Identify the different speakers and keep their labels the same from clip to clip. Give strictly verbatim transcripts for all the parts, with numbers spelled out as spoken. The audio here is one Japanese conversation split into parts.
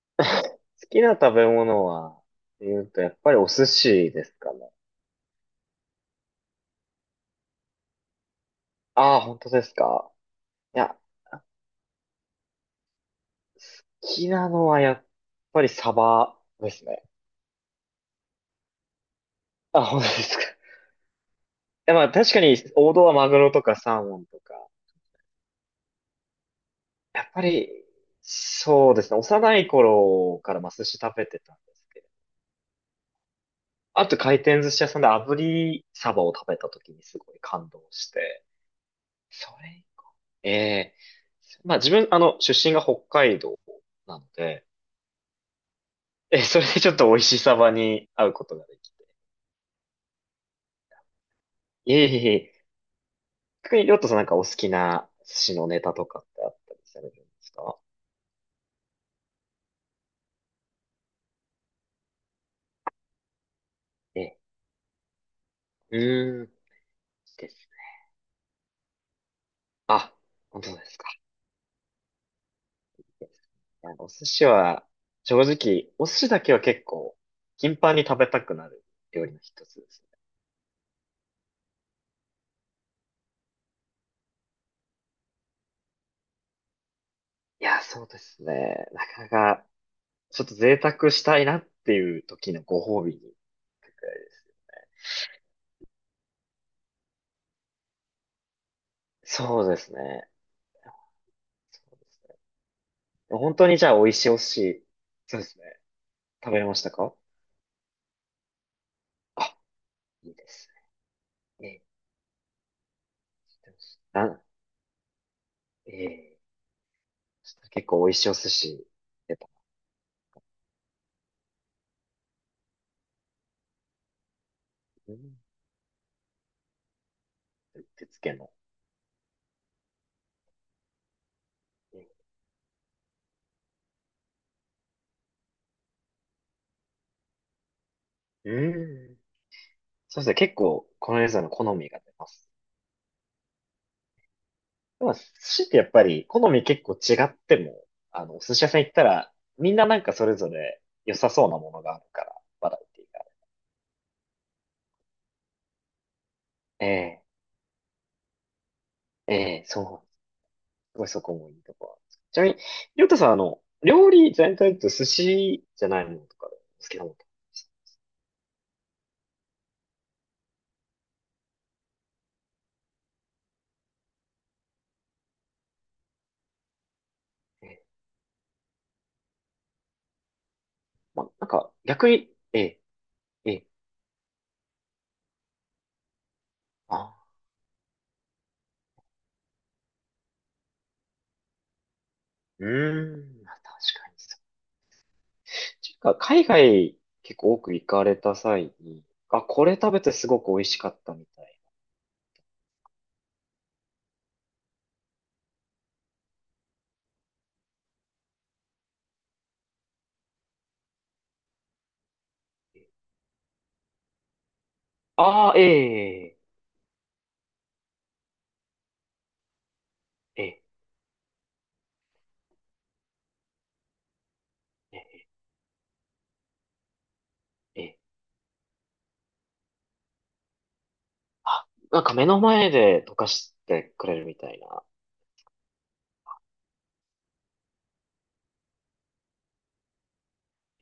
Speaker 1: 好きな食べ物は、って言うと、やっぱりお寿司ですかね。ああ、本当ですか。いや、好きなのはやっぱりサバですね。あ、本当ですか。いや、まあ確かに王道はマグロとかサーモンとか。やっぱり、そうですね。幼い頃からまあ寿司食べてたんですけど。あと回転寿司屋さんで炙りサバを食べた時にすごい感動して。それ、ええまあ自分、あの、出身が北海道なので、え、それでちょっと美味しさまに会うことができて。いえいえいえ。逆に、りょうとさんなんかお好きな寿司のネタとかってあったりされるんですか？え、うーん、ですね。あ、本当ですか。いやお寿司は、正直、お寿司だけは結構、頻繁に食べたくなる料理の一つですね。いや、そうですね。なかなか、ちょっと贅沢したいなっていう時のご褒美に。そうですね。そうですね。本当にじゃあ美味しいお寿司。そうですね。食べれましたか？あ、いいです。ええー、知ってます。な、ええ、結構美味しいお寿司出た。うん、手付けの。うん。そうですね。結構、このレーザーの好みが出ます。でも、寿司ってやっぱり、好み結構違っても、あの、お寿司屋さん行ったら、みんななんかそれぞれ良さそうなものがあるから、バラエティが。ええ、ええ、そう。すごいそこもいいところなんです。ちなみに、りょうたさん、あの、料理全体と寿司じゃないものとかで、好きなものとかあります？まあ、なんか、逆に、ええ、ええ、あ、うーん、まあ確かにそう。ちか、海外結構多く行かれた際に、あ、これ食べてすごく美味しかったみたい。ああ、ええ、ええ、ええ、ええ、あ、なんか目の前で溶かしてくれるみたいな。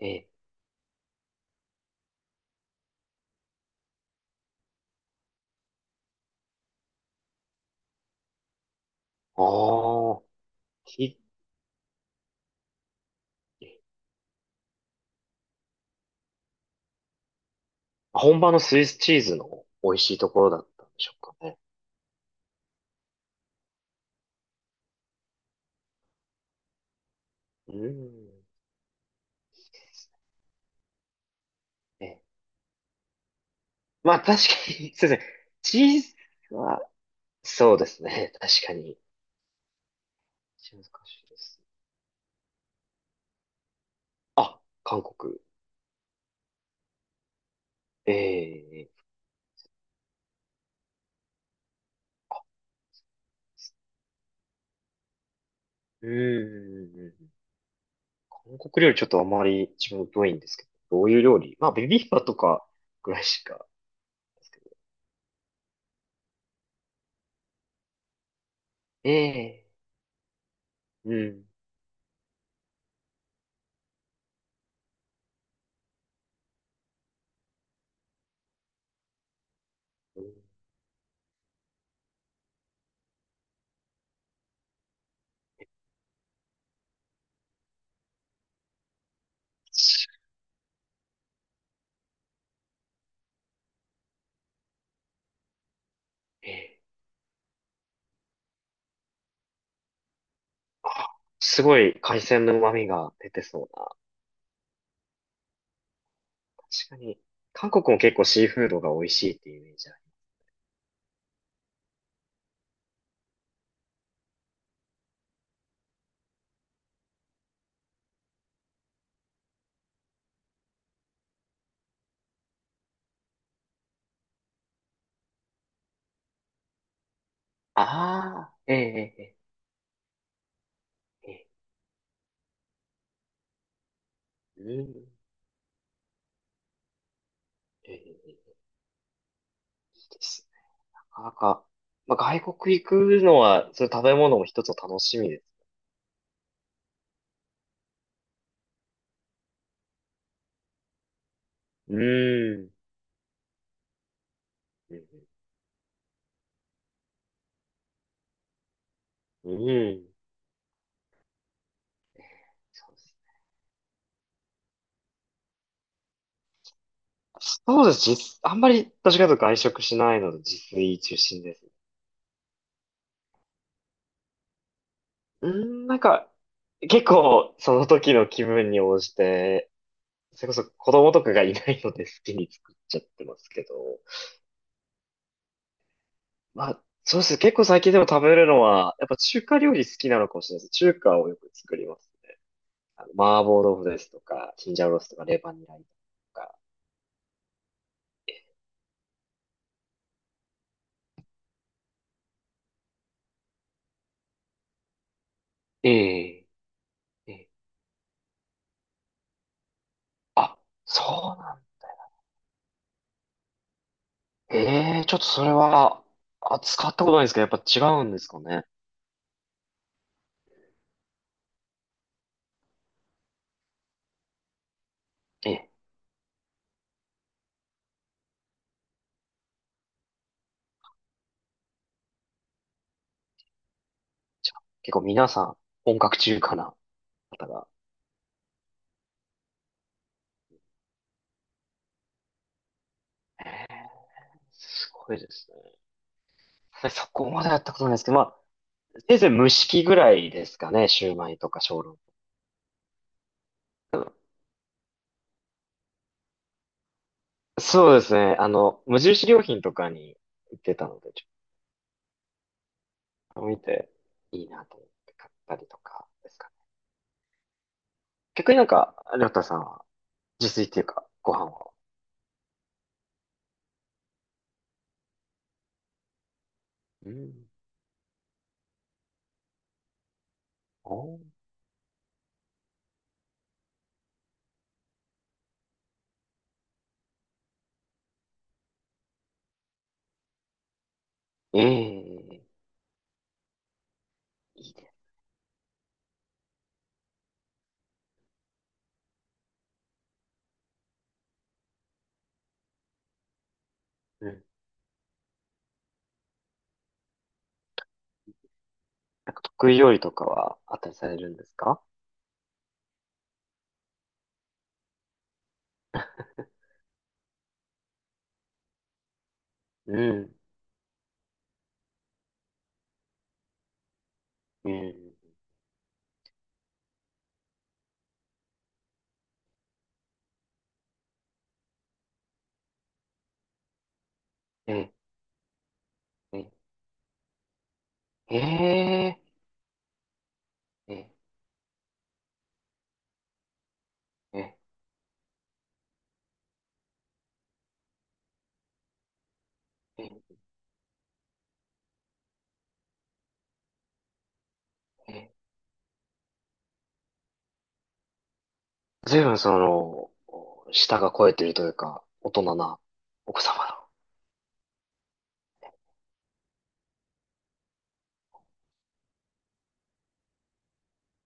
Speaker 1: ええ、ああ、ひ、本場のスイスチーズの美味しいところだったんでしょうかね。うーん、ええ、まあ確かに、すいません。チーズは、そうですね。確かに。難しいです。あ、韓国。ええ、うーん。韓国料理ちょっとあまり自分疎いんですけど、どういう料理まあ、ビビンバとかぐらいしか。ええ、うん。うん、ええ、すごい海鮮の旨味が出てそうな。確かに。韓国も結構シーフードが美味しいっていうイメージある。ああ、ええ、ええ、ええ、うん。ええ、いいですね。なかなか、まあ、外国行くのは、そういう食べ物も一つの楽しみです。うーん。うん。うん、そうですね。そうです。実、あんまり私がと外食しないので自炊中心です。うーん、なんか、結構その時の気分に応じて、それこそ子供とかがいないので好きに作っちゃってますけど。まあ、そうです。結構最近でも食べるのは、やっぱ中華料理好きなのかもしれないです。中華をよく作りますね。あの、麻婆豆腐ですとか、チンジャオロースとか、レバニラとか。ええ、ええ、そうなんです。ええ、ちょっとそれは、あ、使ったことないんですけど、やっぱ違うんですかね。ええ、じゃあ、結構皆さん、本格中華な方が。ええ、すごいですね。でそこまでやったことないですけど、まあ、せいぜい蒸し器ぐらいですかね、シューマイとか小籠包。そうですね、あの、無印良品とかに行ってたので、ちょっと見て、いいなと思って買ったりとかですかね。逆になんか、りょうたさんは、自炊っていうか、ご飯を。うん。おー、ええ、いいです。うん、なんか得意料理とかはあったりされるんですか？うん、うん、え、え、ええ、え、え、え、え、ずいぶ分その、舌が肥えてるというか、大人なお子様の。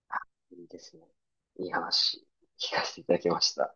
Speaker 1: あ、いいですね。いい話、聞かせていただきました。